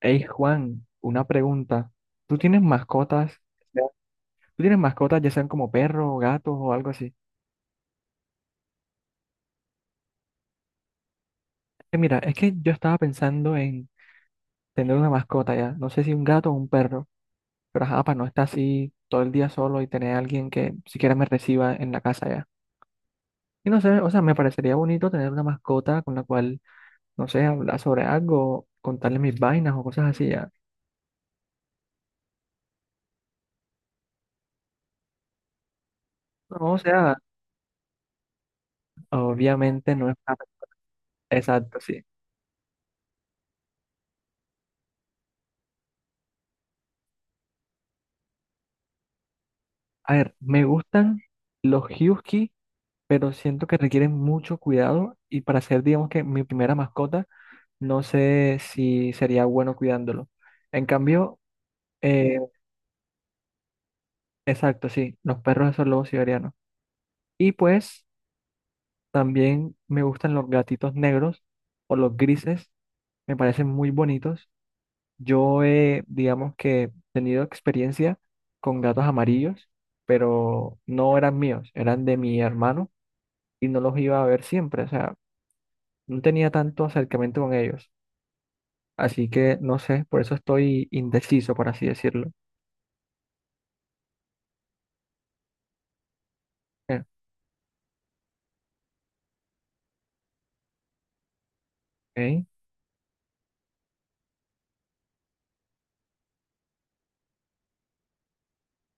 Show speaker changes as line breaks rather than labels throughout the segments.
Hey Juan, una pregunta. ¿Tú tienes mascotas? Ya. ¿Tú tienes mascotas, ya sean como perros, o gatos o algo así? Mira, es que yo estaba pensando en tener una mascota ya. No sé si un gato o un perro, pero ajá, para no estar así todo el día solo y tener a alguien que siquiera me reciba en la casa ya. Y no sé, o sea, me parecería bonito tener una mascota con la cual, no sé, hablar sobre algo, contarle mis vainas o cosas así ya. No, o sea, obviamente no es... Exacto, sí. A ver, me gustan los husky pero siento que requiere mucho cuidado y para ser, digamos que mi primera mascota, no sé si sería bueno cuidándolo. En cambio, eh, exacto, sí, los perros esos lobos siberianos. Y pues también me gustan los gatitos negros o los grises, me parecen muy bonitos. Yo he, digamos que, tenido experiencia con gatos amarillos, pero no eran míos, eran de mi hermano y no los iba a ver siempre, o sea, no tenía tanto acercamiento con ellos. Así que no sé, por eso estoy indeciso, por así decirlo. Eh, ok.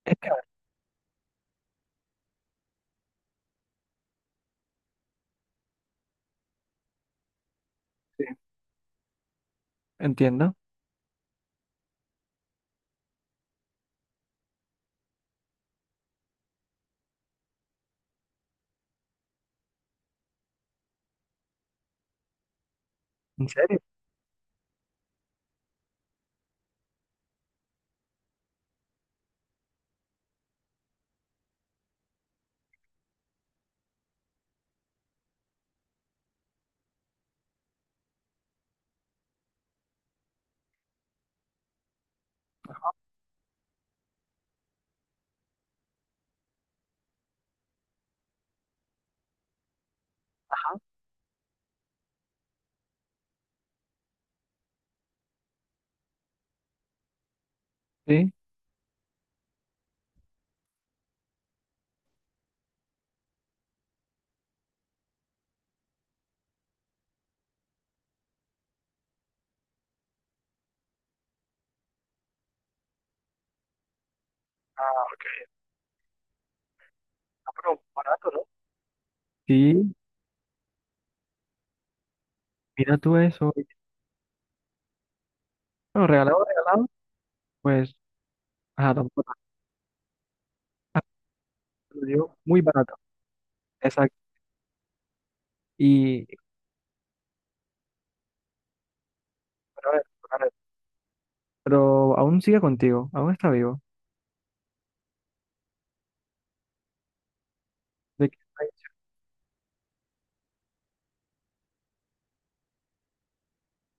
Es que, a ver, sí, entiendo. ¿En serio? Sí. Ah, pero barato, ¿no? Sí, mira tú eso. Bueno, regalado, regalado, pues, ajá, tampoco. Ah, te lo digo, muy barato. Exacto. Y, pero, a ver, pero aún sigue contigo, aún está vivo. ¿De qué país?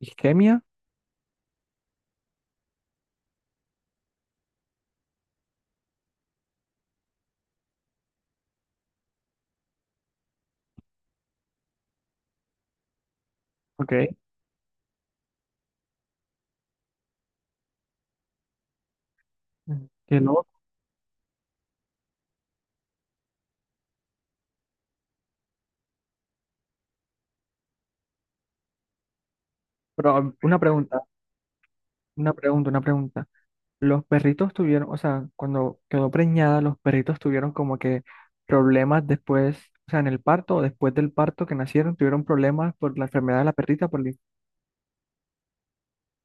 ¿Isquemia? Ok. Ujú. Qué loco. Pero una pregunta, una pregunta. Los perritos tuvieron, o sea, cuando quedó preñada, los perritos tuvieron como que problemas después, o sea, en el parto o después del parto que nacieron, tuvieron problemas por la enfermedad de la perrita.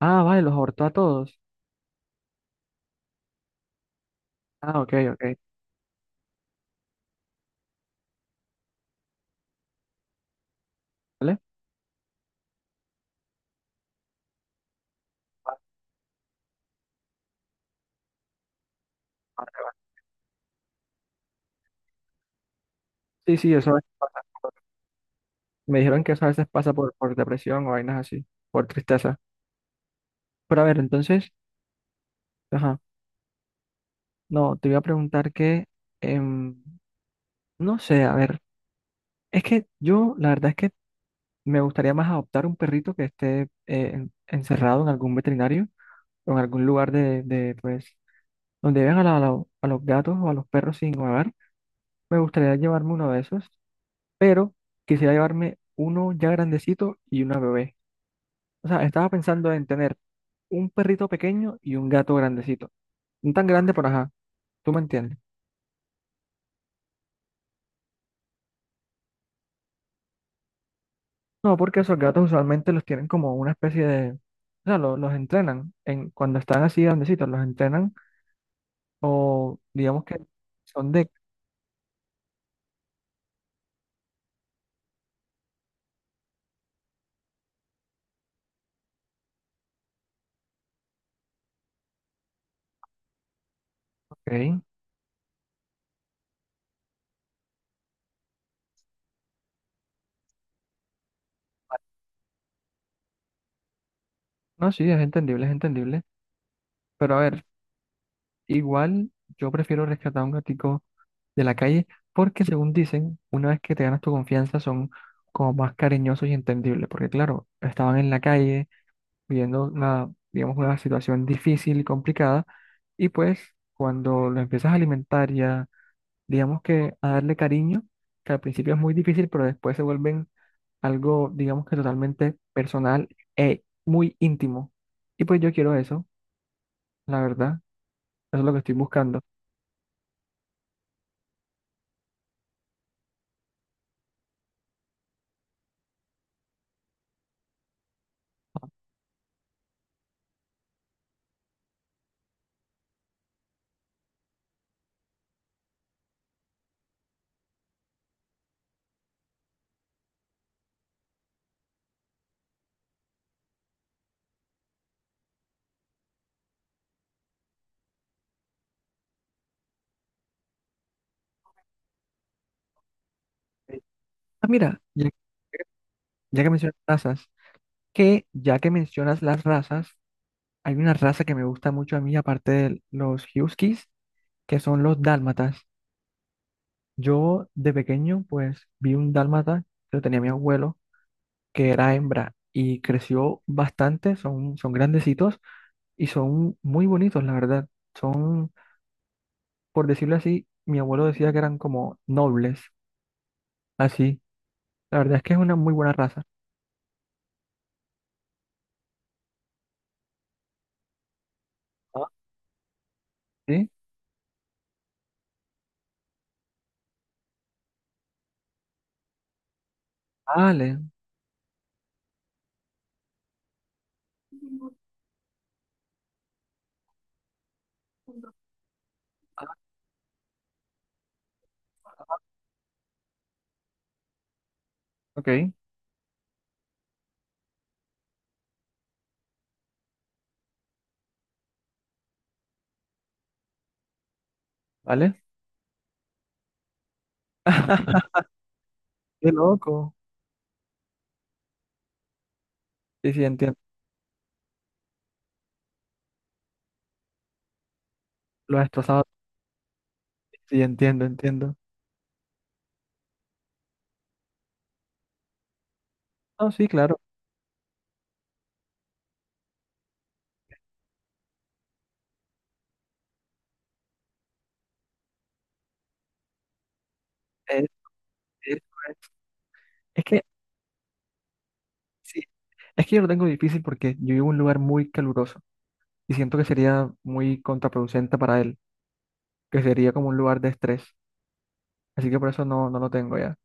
Ah, vale, los abortó a todos. Ah, ok, ok. ¿Vale? Sí, sí, eso es- Me dijeron que eso a veces pasa por depresión o vainas así, por tristeza. Pero a ver, entonces, ajá, no, te voy a preguntar que, em, no sé, a ver, es que yo, la verdad es que me gustaría más adoptar un perrito que esté encerrado en algún veterinario o en algún lugar de, pues, donde vean a, a los gatos o a los perros sin hogar. Me gustaría llevarme uno de esos, pero quisiera llevarme uno ya grandecito y una bebé. O sea, estaba pensando en tener un perrito pequeño y un gato grandecito. No tan grande, pero ajá, tú me entiendes. No, porque esos gatos usualmente los tienen como una especie de... O sea, los entrenan. En, cuando están así grandecitos, los entrenan o digamos que son de. Ok. No, sí, es entendible, es entendible. Pero a ver, igual yo prefiero rescatar a un gatico de la calle porque según dicen, una vez que te ganas tu confianza son como más cariñosos y entendibles. Porque claro, estaban en la calle viviendo una, digamos, una situación difícil y complicada y pues cuando lo empiezas a alimentar y a, digamos que a darle cariño, que al principio es muy difícil, pero después se vuelven algo, digamos que totalmente personal e muy íntimo. Y pues yo quiero eso, la verdad. Eso es lo que estoy buscando. Eh, Ah, mira, ya, ya que mencionas razas, que ya que mencionas las razas, hay una raza que me gusta mucho a mí, aparte de los huskies, que son los dálmatas. Yo de pequeño, pues, vi un dálmata que lo tenía mi abuelo, que era hembra, y creció bastante, son grandecitos y son muy bonitos, la verdad. Son, por decirlo así, mi abuelo decía que eran como nobles, así. La verdad es que es una muy buena raza. Ah, ¿sí? Vale. Ok, ¿vale? Qué loco. Sí, sí, entiendo. Lo has destrozado. Sí, entiendo, entiendo. No, sí, claro. Es, es, es que, sí, es que yo lo tengo difícil porque yo vivo en un lugar muy caluroso y siento que sería muy contraproducente para él, que sería como un lugar de estrés. Así que por eso no, no lo tengo ya.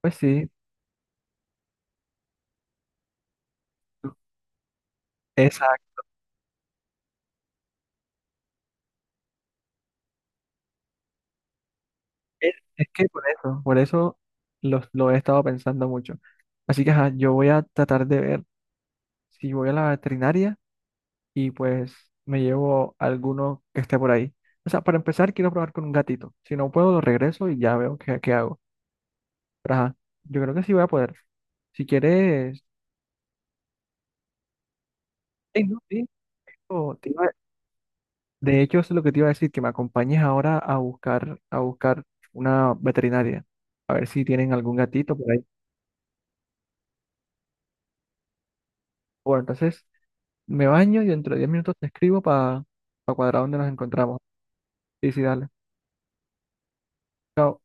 Pues sí, exacto. Es que por eso lo he estado pensando mucho. Así que, ajá, yo voy a tratar de ver si voy a la veterinaria, y pues me llevo alguno que esté por ahí. O sea, para empezar, quiero probar con un gatito. Si no puedo, lo regreso y ya veo qué, qué hago. Pero, ajá, yo creo que sí voy a poder. Si quieres, ey, no, sí, o te iba- de hecho, eso es lo que te iba a decir, que me acompañes ahora a buscar una veterinaria, a ver si tienen algún gatito por ahí. Bueno, entonces me baño y dentro de 10 minutos te escribo para cuadrar donde nos encontramos. Sí, sí, dale. Chao.